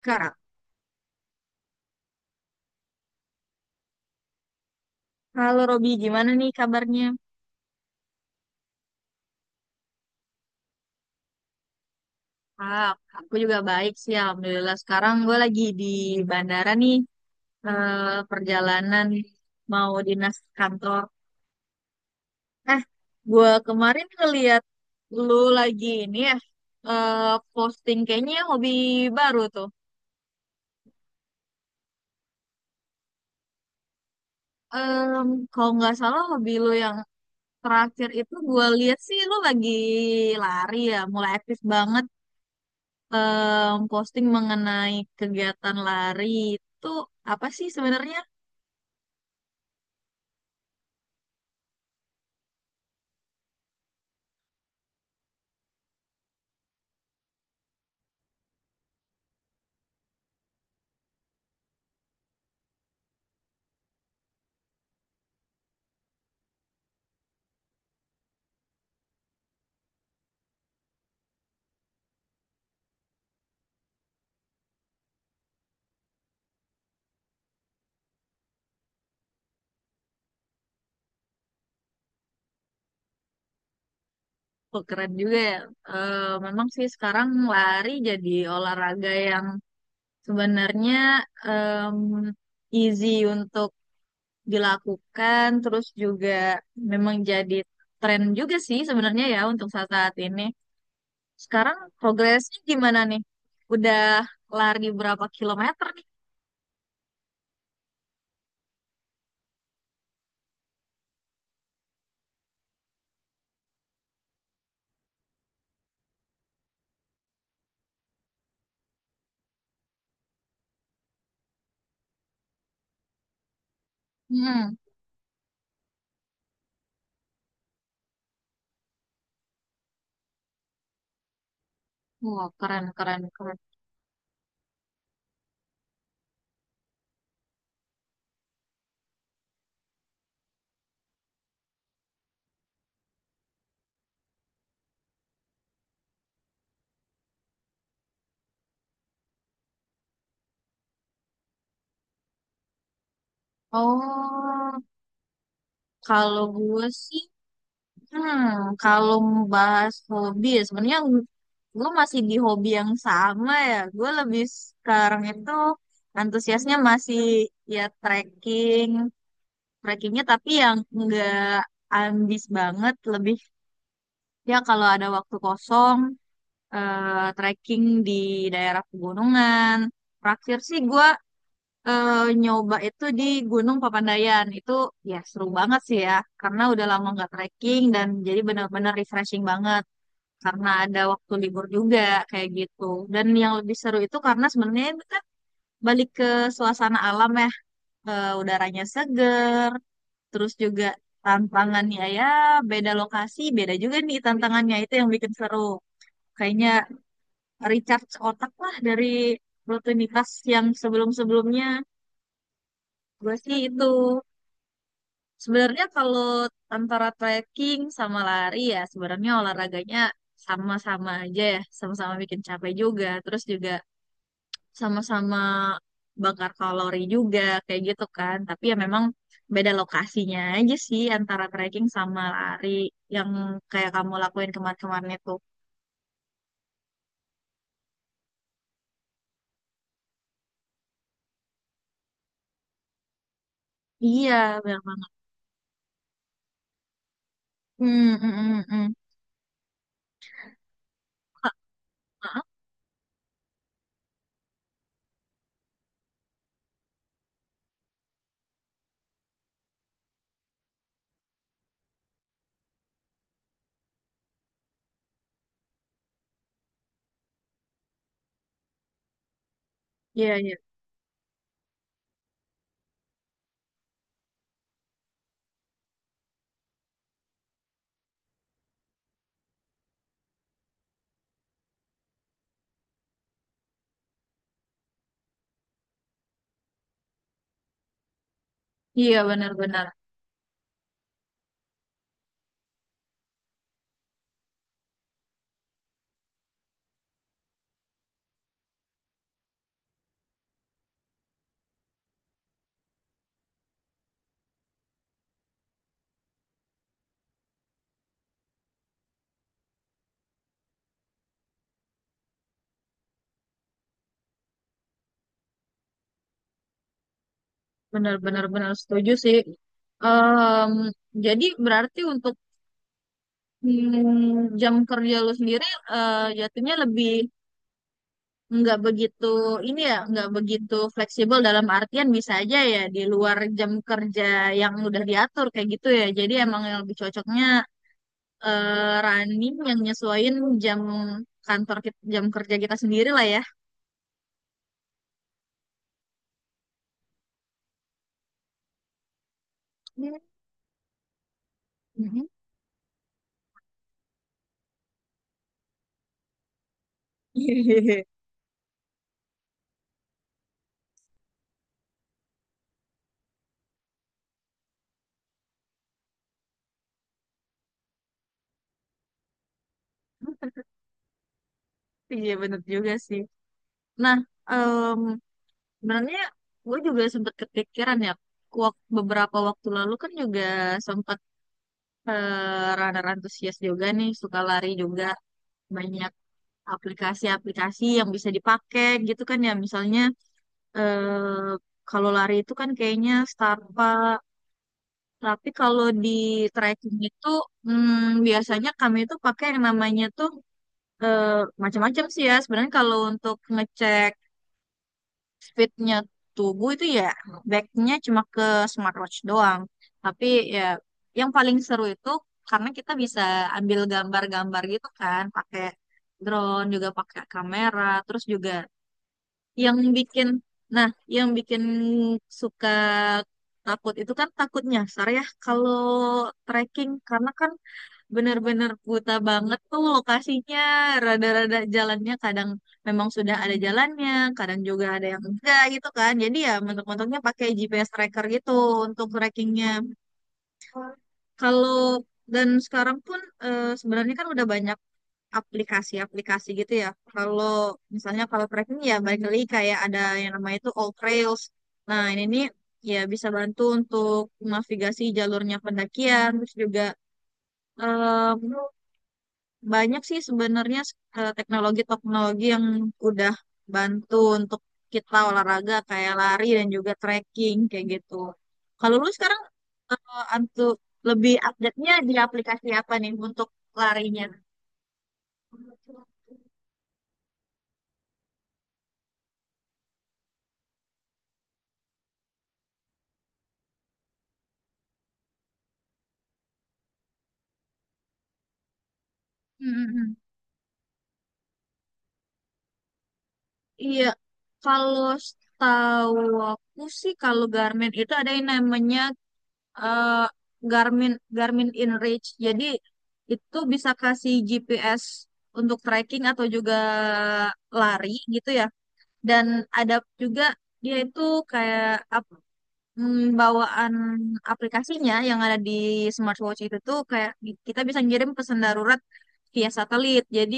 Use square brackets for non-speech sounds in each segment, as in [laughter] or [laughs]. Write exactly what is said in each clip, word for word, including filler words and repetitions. Kak, halo Robi, gimana nih kabarnya? Ah, aku juga baik sih, Alhamdulillah. Sekarang gue lagi di bandara nih, eh, perjalanan mau dinas kantor. Eh, gue kemarin ngeliat lu lagi ini ya, eh, posting kayaknya hobi baru tuh. Em, Kalau nggak salah hobi lu yang terakhir itu gue lihat sih lu lagi lari ya, mulai aktif banget. Em, posting mengenai kegiatan lari itu apa sih sebenarnya? Oh, keren juga ya. Eh, Memang sih sekarang lari jadi olahraga yang sebenarnya em, easy untuk dilakukan, terus juga memang jadi tren juga sih sebenarnya ya untuk saat-saat ini. Sekarang progresnya gimana nih? Udah lari berapa kilometer nih? Hmm. Wah, keren, keren, keren. Oh. Kalau gue sih, hmm, kalau membahas hobi ya sebenarnya gue masih di hobi yang sama ya. Gue lebih sekarang itu antusiasnya masih ya trekking, trekkingnya tapi yang enggak ambis banget, lebih ya kalau ada waktu kosong eh, trekking di daerah pegunungan. Terakhir sih gue eh, nyoba itu di Gunung Papandayan. Itu ya seru banget sih ya, karena udah lama nggak trekking dan jadi benar-benar refreshing banget. Karena ada waktu libur juga kayak gitu. Dan yang lebih seru itu karena sebenarnya itu kan balik ke suasana alam ya. Eh, udaranya seger, terus juga tantangannya ya beda lokasi, beda juga nih tantangannya itu yang bikin seru. Kayaknya recharge otak lah dari rutinitas yang sebelum-sebelumnya. Gue sih itu. Sebenarnya kalau antara trekking sama lari ya sebenarnya olahraganya sama-sama aja ya, sama-sama bikin capek juga, terus juga sama-sama bakar kalori juga kayak gitu kan. Tapi ya memang beda lokasinya aja sih antara trekking sama lari yang kayak kamu lakuin kemarin-kemarin itu. Iya, benar banget. Hmm, hmm, hmm, hmm. Ah, ah, Iya, iya. Iya, benar-benar. Benar-benar benar setuju sih. Em, jadi berarti untuk, hmm, jam kerja lu sendiri, eh, jatuhnya lebih nggak begitu ini ya, nggak begitu fleksibel dalam artian bisa aja ya di luar jam kerja yang udah diatur kayak gitu ya, jadi emang yang lebih cocoknya eh, running yang nyesuaiin jam kantor kita, jam kerja kita sendiri lah ya. Mhm. [laughs] Iya bener juga sih. Nah, em, sebenarnya gue juga sempat kepikiran ya. Wak- beberapa waktu lalu kan juga sempat eh, runner antusias juga nih, suka lari juga banyak aplikasi-aplikasi yang bisa dipakai gitu kan ya. Misalnya eh, kalau lari itu kan kayaknya Starbucks, tapi kalau di trekking itu, hmm, biasanya kami itu pakai yang namanya tuh eh, macam-macam sih ya. Sebenarnya kalau untuk ngecek fitnya tubuh itu ya backnya cuma ke smartwatch doang. Tapi ya yang paling seru itu karena kita bisa ambil gambar-gambar gitu kan, pakai drone juga pakai kamera, terus juga yang bikin, nah yang bikin suka takut itu kan takutnya, Sar, ya kalau trekking karena kan bener-bener buta banget tuh lokasinya, rada-rada jalannya kadang memang sudah ada jalannya, kadang juga ada yang enggak gitu kan, jadi ya mentok-mentoknya pakai G P S tracker gitu untuk trackingnya kalau. Dan sekarang pun eh, sebenarnya kan udah banyak aplikasi-aplikasi gitu ya, kalau misalnya kalau tracking ya balik lagi kayak ada yang namanya itu All Trails, nah ini nih ya bisa bantu untuk navigasi jalurnya pendakian, terus juga banyak sih sebenarnya eh, teknologi-teknologi yang udah bantu untuk kita olahraga kayak lari dan juga trekking kayak gitu. Kalau lu sekarang eh, antu- lebih update-nya di aplikasi apa nih untuk larinya? Hmm, hmm, hmm. Iya, kalau setahu aku sih kalau Garmin itu ada yang namanya eh, Garmin Garmin InReach. Jadi itu bisa kasih G P S untuk tracking atau juga lari gitu ya. Dan ada juga dia itu kayak apa, hmm, bawaan aplikasinya yang ada di smartwatch itu tuh kayak bi- kita bisa ngirim pesan darurat via satelit. Jadi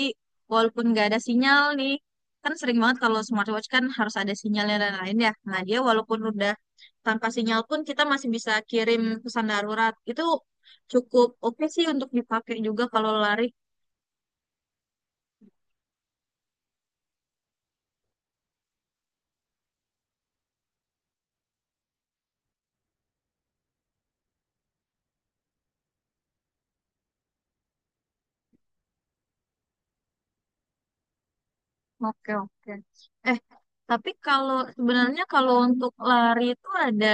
walaupun nggak ada sinyal nih, kan sering banget kalau smartwatch kan harus ada sinyalnya dan lain ya. Nah dia walaupun udah tanpa sinyal pun kita masih bisa kirim pesan darurat. Itu cukup oke sih untuk dipakai juga kalau lari. Oke oke. Eh tapi kalau sebenarnya kalau untuk lari itu ada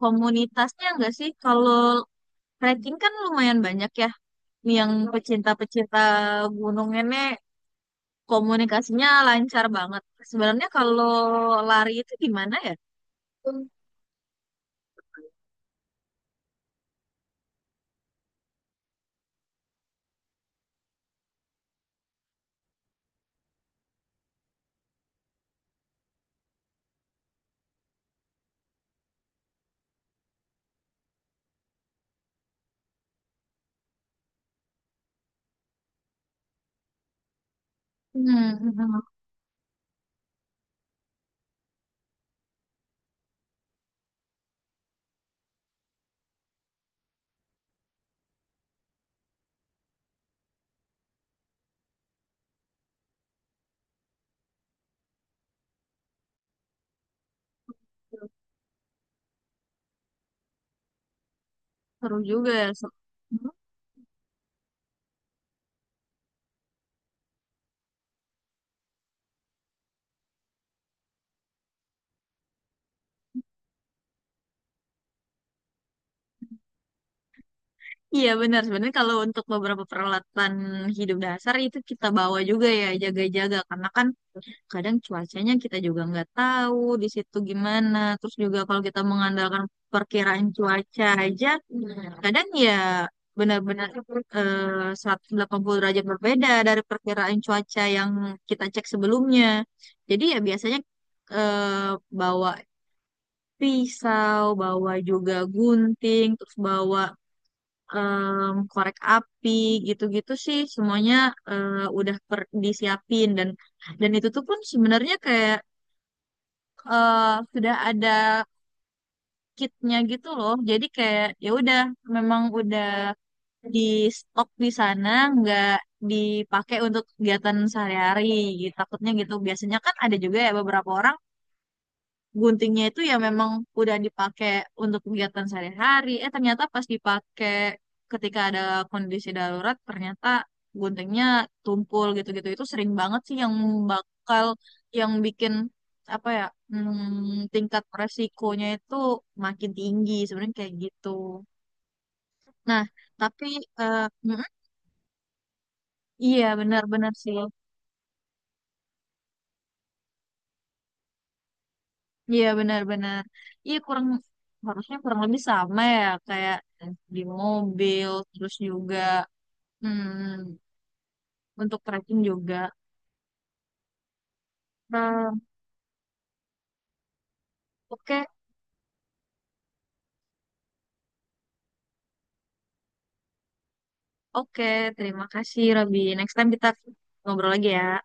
komunitasnya nggak sih? Kalau hiking kan lumayan banyak ya. Yang pecinta-pecinta gunung ini komunikasinya lancar banget. Sebenarnya kalau lari itu gimana ya? Hmm, seru juga ya. Se- Iya benar. Sebenarnya kalau untuk beberapa peralatan hidup dasar itu kita bawa juga ya jaga-jaga. Karena kan kadang cuacanya kita juga nggak tahu di situ gimana. Terus juga kalau kita mengandalkan perkiraan cuaca aja, kadang ya benar-benar eh, seratus delapan puluh derajat berbeda dari perkiraan cuaca yang kita cek sebelumnya. Jadi ya biasanya eh, bawa pisau, bawa juga gunting, terus bawa em, korek api gitu-gitu sih semuanya eh, udah per- disiapin dan dan itu tuh pun sebenarnya kayak eh, sudah ada kitnya gitu loh. Jadi kayak ya udah memang udah di stok di sana, nggak dipakai untuk kegiatan sehari-hari gitu. Takutnya gitu. Biasanya kan ada juga ya beberapa orang guntingnya itu ya memang udah dipakai untuk kegiatan sehari-hari. Eh ternyata pas dipakai ketika ada kondisi darurat, ternyata guntingnya tumpul gitu-gitu. Itu sering banget sih yang bakal yang bikin apa ya, hmm, tingkat resikonya itu makin tinggi sebenarnya kayak gitu. Nah, tapi eh, mm, iya benar-benar sih. Iya benar-benar. Iya kurang, harusnya kurang lebih sama ya kayak di mobil terus juga, hmm, untuk tracking juga. Hmm. Oke, oke. Terima kasih, Robby. Next time kita ngobrol lagi ya.